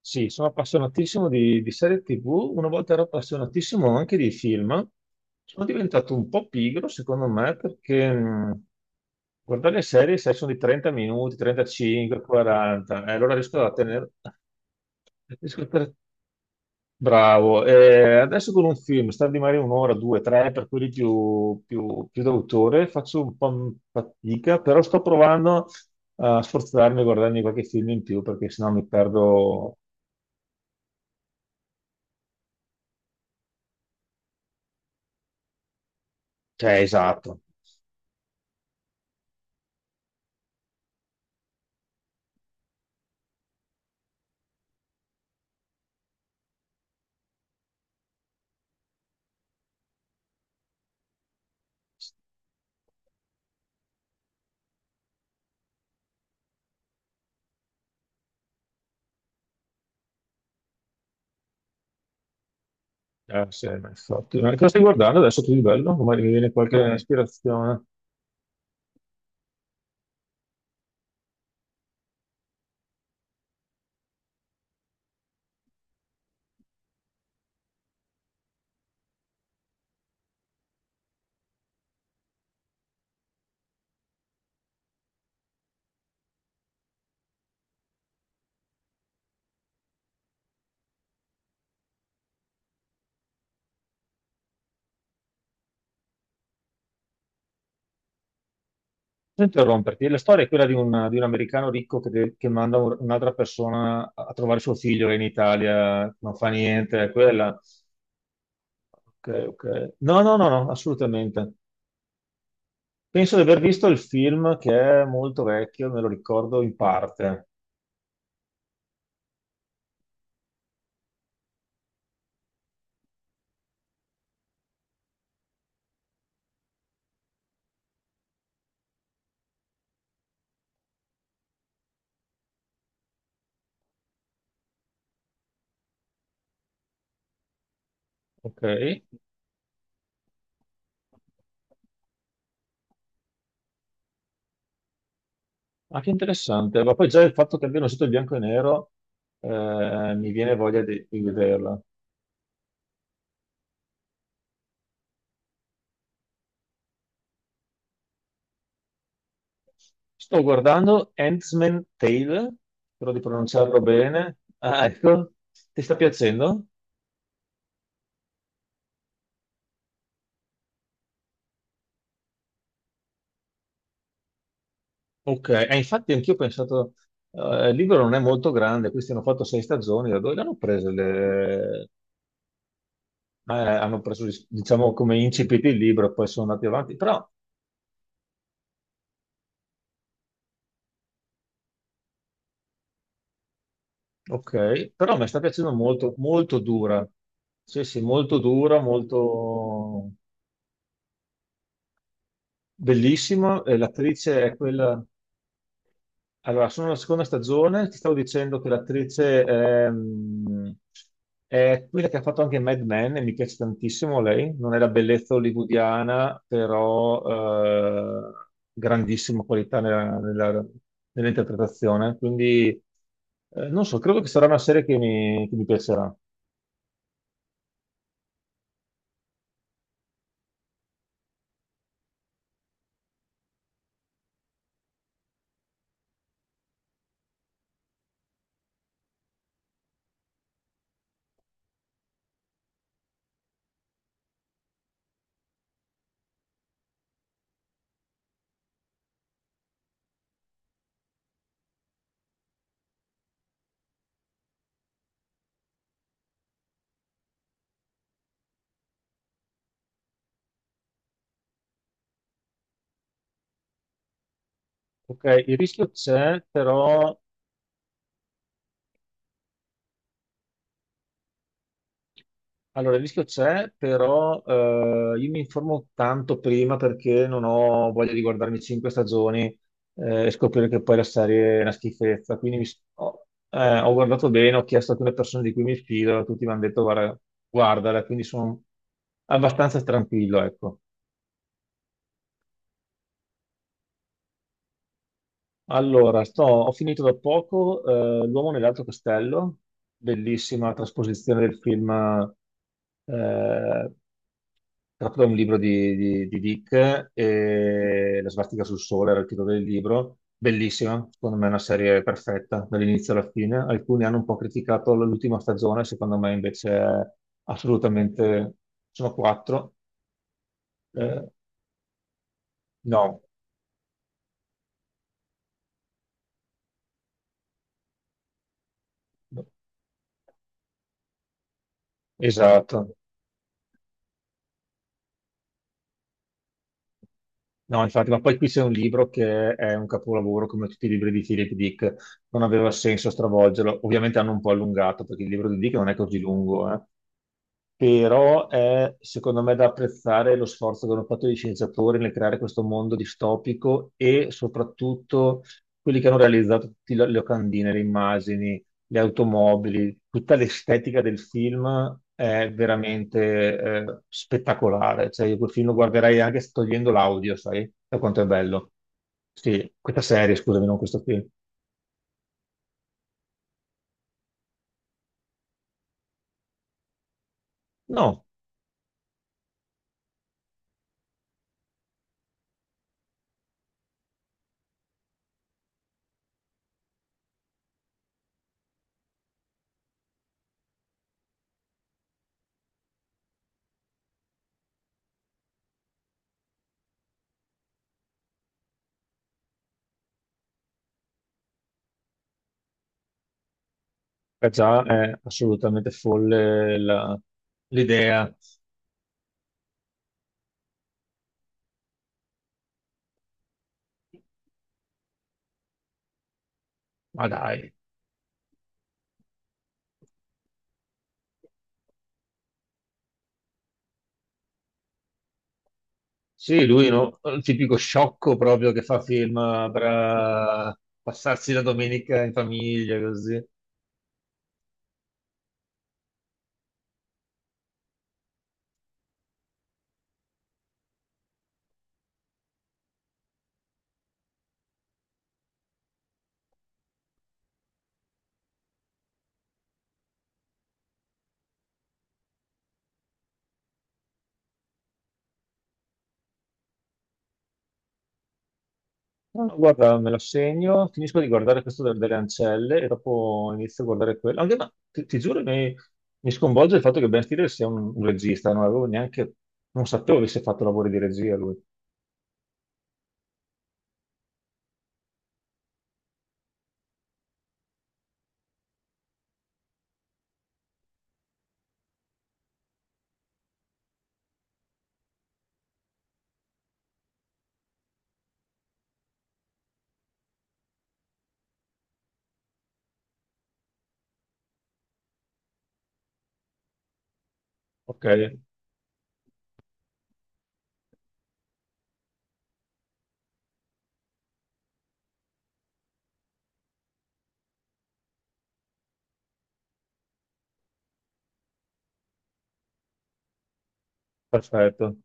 Sì, sono appassionatissimo di serie TV, una volta ero appassionatissimo anche di film. Sono diventato un po' pigro, secondo me, perché guardare le serie sai, sono di 30 minuti, 35, 40, e allora riesco a riesco a tenere- Bravo. E adesso con un film, star di magari un'ora, due, tre, per quelli più d'autore, faccio un po' fatica, però sto provando a sforzarmi a guardarmi qualche film in più, perché sennò mi perdo. Cioè, esatto. Sì, ma infatti. Ma cosa stai guardando adesso tu di bello? Magari mi viene qualche ispirazione. Non interromperti. La storia è quella di un americano ricco che manda un'altra persona a trovare suo figlio che è in Italia, non fa niente, è quella. Ok, ok. No, no, no, no, assolutamente. Penso di aver visto il film che è molto vecchio, me lo ricordo in parte. Ok. Ah, che interessante. Ma poi già il fatto che abbiano sito il bianco e nero, mi viene voglia di vederla. Sto guardando Handmaid's Tale, spero di pronunciarlo bene. Ah, ecco, ti sta piacendo? Ok, e infatti anch'io ho pensato, il libro non è molto grande, questi hanno fatto sei stagioni, da dove l'hanno preso? Hanno preso, diciamo, come incipit il libro, poi sono andati avanti. Però, ok, però mi sta piacendo molto, molto dura. Sì, sì, molto dura, molto bellissima. E l'attrice è quella. Allora, sono alla seconda stagione, ti stavo dicendo che l'attrice è quella che ha fatto anche Mad Men e mi piace tantissimo lei, non è la bellezza hollywoodiana, però grandissima qualità nell'interpretazione, quindi non so, credo che sarà una serie che mi piacerà. Ok, il rischio c'è, però Allora, il rischio c'è, però, io mi informo tanto prima perché non ho voglia di guardarmi cinque stagioni e scoprire che poi la serie è una schifezza. Quindi ho guardato bene, ho chiesto a alcune persone di cui mi fido, tutti mi hanno detto guarda, guardala, quindi sono abbastanza tranquillo, ecco. Allora, ho finito da poco, L'uomo nell'altro castello, bellissima trasposizione del film, eh, tratto da un libro di Dick, e La sbartica sul sole era il titolo del libro, bellissima, secondo me è una serie perfetta dall'inizio alla fine. Alcuni hanno un po' criticato l'ultima stagione, secondo me invece assolutamente... Sono quattro. Eh, no, esatto. No, infatti, ma poi qui c'è un libro che è un capolavoro come tutti i libri di Philip Dick, non aveva senso stravolgerlo. Ovviamente hanno un po' allungato perché il libro di Dick non è così lungo, però è secondo me da apprezzare lo sforzo che hanno fatto gli scienziatori nel creare questo mondo distopico e soprattutto quelli che hanno realizzato tutte le locandine, le immagini, le automobili, tutta l'estetica del film è veramente spettacolare. Cioè, io quel film lo guarderei anche togliendo l'audio, sai, da quanto è bello. Sì, questa serie, scusami, non questo film. No, è assolutamente folle l'idea. Ma dai. Sì, lui no, il tipico sciocco proprio che fa film per, passarsi la domenica in famiglia, così. No, no, guarda, me lo segno, finisco di guardare questo delle ancelle e dopo inizio a guardare quello. Anche, ma ti giuro, mi sconvolge il fatto che Ben Stiller sia un regista, non avevo neanche, non sapevo avesse fatto lavori di regia lui. Ok, perfetto.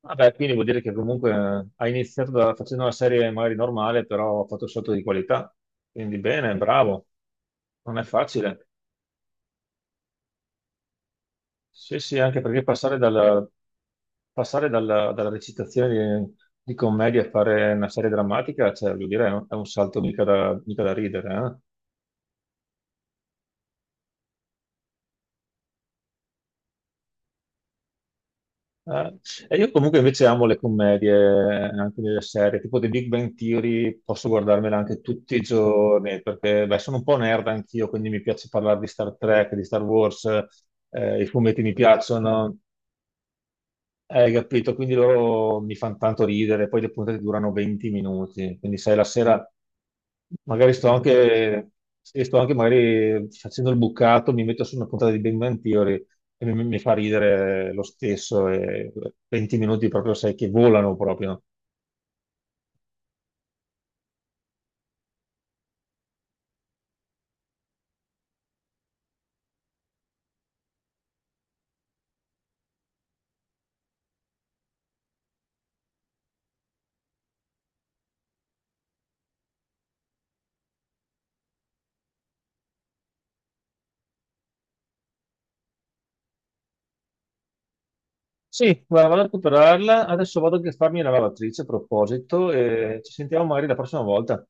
Vabbè, quindi vuol dire che comunque, ha iniziato facendo una serie magari normale, però ha fatto un salto di qualità. Quindi bene, bravo. Non è facile. Sì, sì, anche perché passare dalla recitazione di commedia a fare una serie drammatica, cioè, voglio dire, è un salto mica da ridere, eh? Eh, e io comunque invece amo le commedie, anche delle serie, tipo The Big Bang Theory, posso guardarmela anche tutti i giorni, perché beh, sono un po' nerd anch'io, quindi mi piace parlare di Star Trek, di Star Wars, i fumetti mi piacciono, hai capito? Quindi loro mi fanno tanto ridere, poi le puntate durano 20 minuti, quindi sai, la sera magari sto anche, sì, sto anche magari facendo il bucato, mi metto su una puntata di Big Bang Theory e mi fa ridere lo stesso, e 20 minuti proprio sai che volano proprio. Sì, guarda, vado a recuperarla, adesso vado anche a farmi la lavatrice a proposito e ci sentiamo magari la prossima volta.